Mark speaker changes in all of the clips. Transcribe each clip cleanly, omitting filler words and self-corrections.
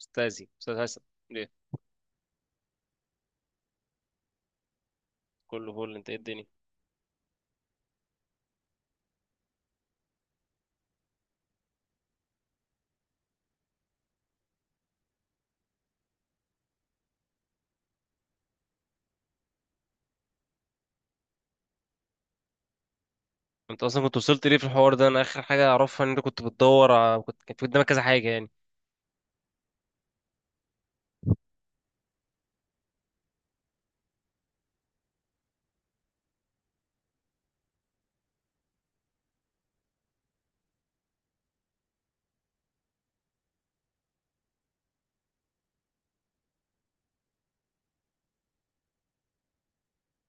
Speaker 1: استاذي استاذ هيثم. ليه؟ كله فل. انت، ايه الدنيا؟ انت اصلا كنت وصلت ليه في الحوار ده؟ انا اخر حاجه اعرفها ان انت كنت بتدور كنت كانت في قدامك كذا حاجه يعني.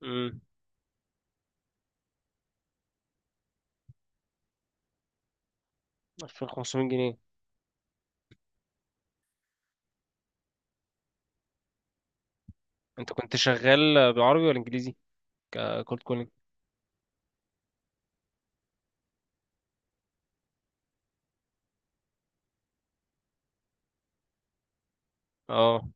Speaker 1: امم 2500 جنيه؟ انت كنت شغال بعربي ولا انجليزي؟ كولد كولينج. اه،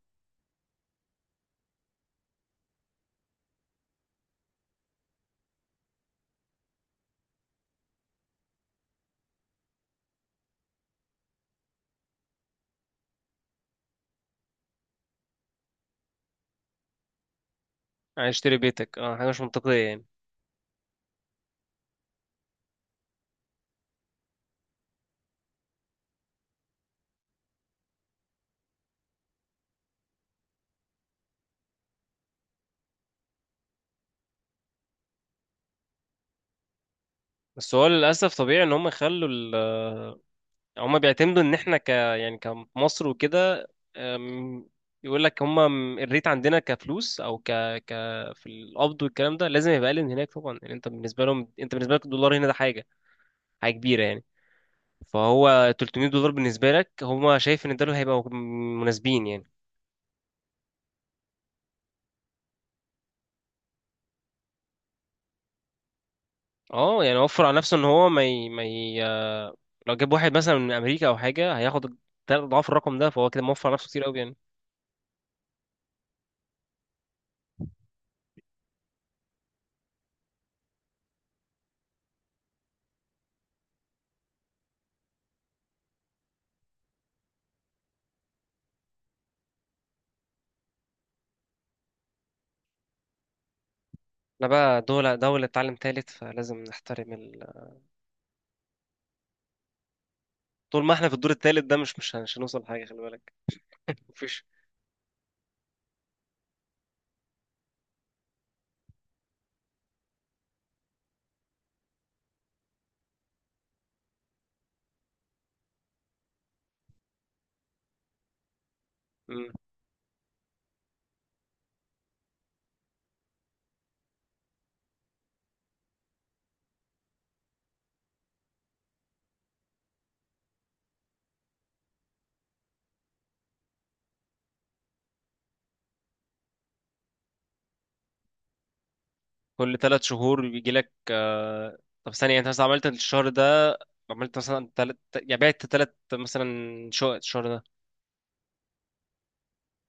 Speaker 1: عايز اشتري بيتك؟ اه حاجه مش منطقيه يعني. بس هو للاسف طبيعي ان هم يخلوا، هما بيعتمدوا ان احنا ك يعني كمصر وكده. أم، يقول لك هما الريت عندنا كفلوس او ك ك في القبض والكلام ده لازم يبقى اقل من هناك طبعا. يعني انت بالنسبه لهم، انت بالنسبه لك الدولار هنا ده حاجه، حاجه كبيره يعني. فهو 300 دولار بالنسبه لك، هما شايف ان دول هيبقوا مناسبين يعني. اه يعني وفر على نفسه ان هو ما ي... ما ي... لو جاب واحد مثلا من امريكا او حاجه هياخد 3 اضعاف الرقم ده، فهو كده موفر على نفسه كتير قوي يعني. احنا بقى دولة، دولة تعلم تالت، فلازم نحترم. طول ما احنا في الدور التالت ده مش هنوصل لحاجة، خلي بالك. مفيش. مم. كل 3 شهور بيجي لك طب ثانية، انت مثلا عملت الشهر ده، عملت مثلا يعني بعت تلت مثلا شقق الشهر ده،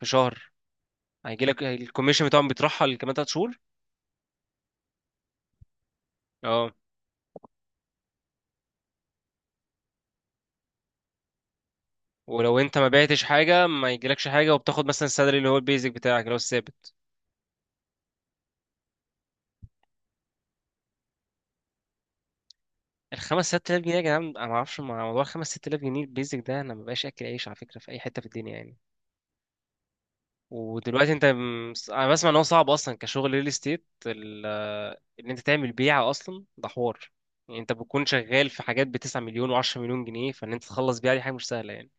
Speaker 1: في شهر هيجي لك الكوميشن بتاعهم؟ بيترحل كمان 3 شهور. اه. ولو انت ما بعتش حاجة ما يجيلكش حاجة، وبتاخد مثلا السالري اللي هو البيزك بتاعك اللي هو الثابت الخمس ست آلاف جنيه. يا جدعان، انا ما اعرفش مع موضوع الخمس ست آلاف جنيه البيزك ده، انا ما بقاش اكل عيش على فكرة في اي حتة في الدنيا يعني. ودلوقتي انت انا بسمع ان هو صعب اصلا كشغل ريل استيت، ان انت تعمل بيعه اصلا ده حوار. يعني انت بتكون شغال في حاجات ب 9 مليون و10 مليون جنيه، فان انت تخلص بيعه دي حاجه مش سهله يعني.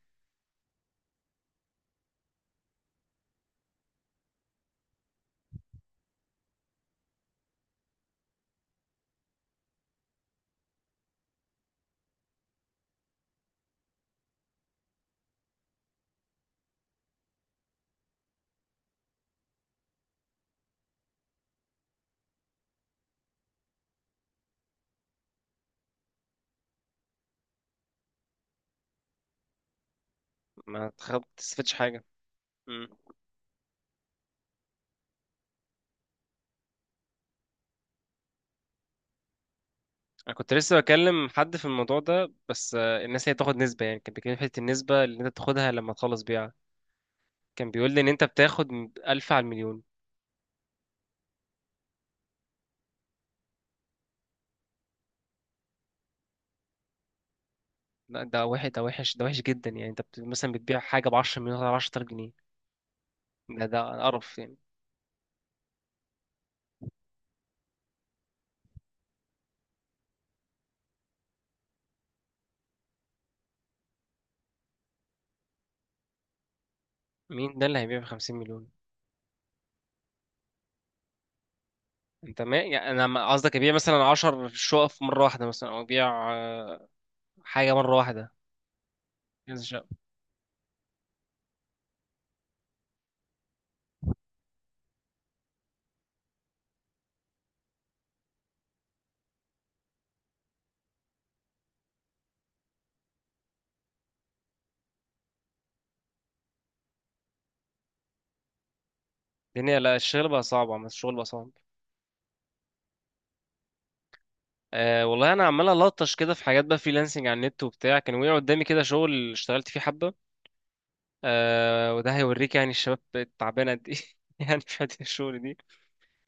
Speaker 1: ما تستفدش حاجه. مم. انا كنت لسه بكلم حد في الموضوع ده، بس الناس هي بتاخد نسبه يعني. كان بيتكلم في حته النسبه اللي انت بتاخدها لما تخلص بيعه. كان بيقول لي ان انت بتاخد 1000 على المليون. لا، ده وحش، ده وحش، ده وحش جدا يعني. انت مثلا بتبيع حاجه ب 10 مليون على 10000 جنيه، ده ده قرف يعني. مين ده اللي هيبيع ب 50 مليون؟ انت ما يعني، انا قصدك يبيع مثلا 10 شقق في مره واحده مثلا، او يبيع حاجه مره واحده، كذا شقه. الدنيا، لا الشغل بقى صعب عم، الشغل بقى صعب. أه والله انا عمال الطش كده في حاجات بقى، فريلانسنج على النت وبتاع، كان وقع قدامي كده شغل اشتغلت فيه حبه. أه وده هيوريك يعني الشباب تعبانه قد ايه. يعني في حته الشغل دي،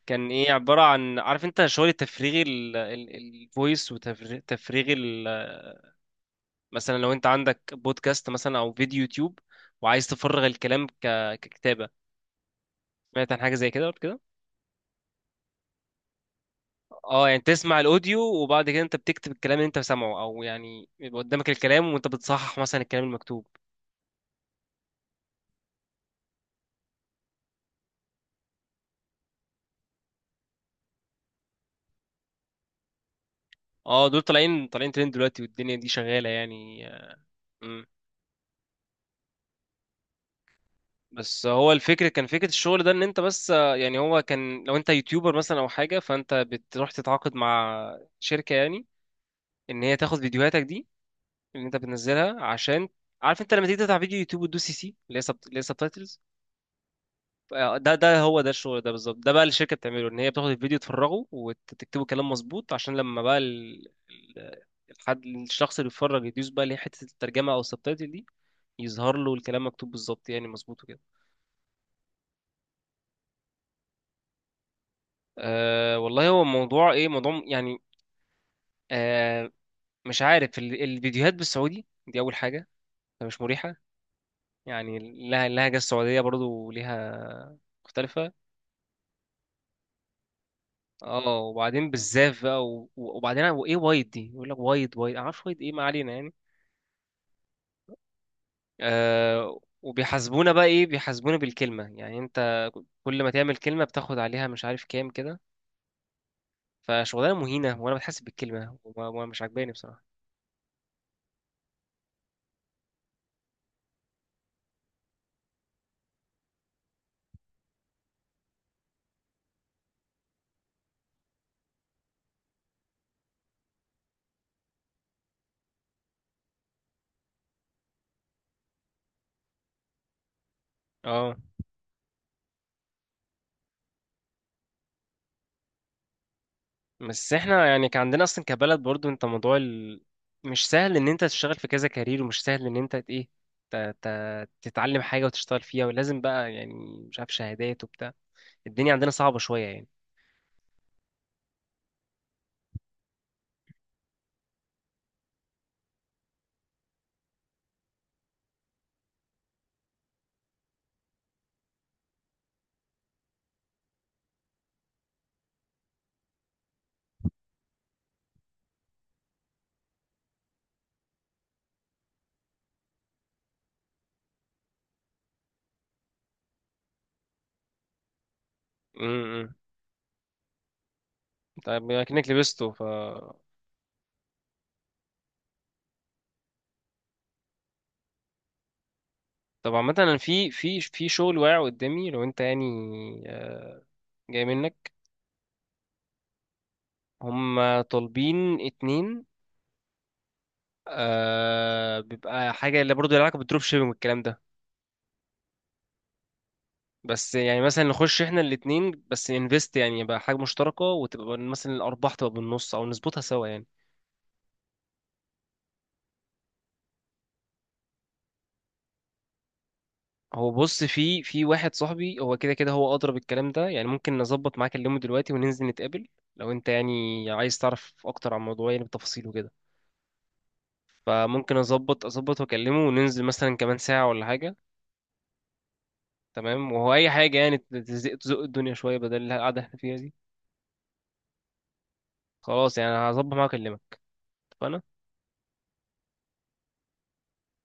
Speaker 1: كان ايه؟ عباره عن، عارف انت، شغل التفريغي، الفويس وتفريغ، مثلا لو انت عندك بودكاست مثلا او فيديو يوتيوب وعايز تفرغ الكلام ككتابه. سمعت عن حاجه زي كده قبل كده؟ اه يعني تسمع الاوديو وبعد كده انت بتكتب الكلام اللي انت سامعه، او يعني يبقى قدامك الكلام وانت بتصحح مثلا الكلام المكتوب. اه دول طالعين طالعين ترند دلوقتي، والدنيا دي شغاله يعني. امم. بس هو الفكر كان فكره الشغل ده ان انت بس يعني هو كان لو انت يوتيوبر مثلا او حاجه فانت بتروح تتعاقد مع شركه يعني، ان هي تاخد فيديوهاتك دي اللي انت بتنزلها. عشان عارف انت لما تيجي تفتح فيديو يوتيوب وتدوس سي سي اللي هي اللي هي سبتايتلز. ده هو ده الشغل ده بالظبط. ده بقى اللي الشركه بتعمله، ان هي بتاخد الفيديو تفرغه وتكتبه كلام مظبوط عشان لما بقى الحد، الشخص اللي بيتفرج يدوس بقى اللي هي حته الترجمه او السبتايتل دي، يظهر له الكلام مكتوب بالظبط يعني مظبوط وكده. أه والله هو موضوع ايه، موضوع يعني. أه مش عارف، الفيديوهات بالسعودي دي اول حاجه، فمش مريحه. يعني اللهجه، اللهجة السعوديه برضو ليها مختلفة. اه، وبعدين بالزاف بقى وبعدين وايه، وايد دي يقول لك وايد وايد، انا معرفش وايد ايه، ما علينا يعني. آه وبيحاسبونا بقى ايه، بيحاسبونا بالكلمه يعني. انت كل ما تعمل كلمه بتاخد عليها مش عارف كام كده. فشغلانه مهينه وانا بتحاسب بالكلمه، مش عاجباني بصراحه. اه بس احنا يعني كان عندنا اصلا كبلد برضو، انت مش سهل ان انت تشتغل في كذا كارير، ومش سهل ان انت ت... ت... تتعلم حاجه وتشتغل فيها، ولازم بقى يعني مش عارف شهادات وبتاع. الدنيا عندنا صعبه شويه يعني. امم. طيب بما انك لبسته ف. طب عامة انا في في شغل واقع قدامي، لو انت يعني آه، جاي منك. هم طالبين اتنين. آه بيبقى حاجة اللي برضه لها علاقة بالدروب شيبينج والكلام ده. بس يعني مثلا نخش احنا الاتنين بس انفست، يعني يبقى حاجة مشتركة وتبقى مثلا الأرباح تبقى بالنص، أو نظبطها سوا يعني. هو بص، في واحد صاحبي، هو كده كده هو أضرب الكلام ده. يعني ممكن نظبط معاك اليوم دلوقتي وننزل نتقابل، لو انت يعني عايز تعرف أكتر عن الموضوع يعني بتفاصيله كده. فممكن اظبط واكلمه وننزل مثلا كمان ساعة ولا حاجة. تمام. وهو اي حاجة يعني تزق تزق الدنيا شوية بدل القعدة اللي احنا فيها دي. خلاص يعني هظبط معاه واكلمك. اتفقنا؟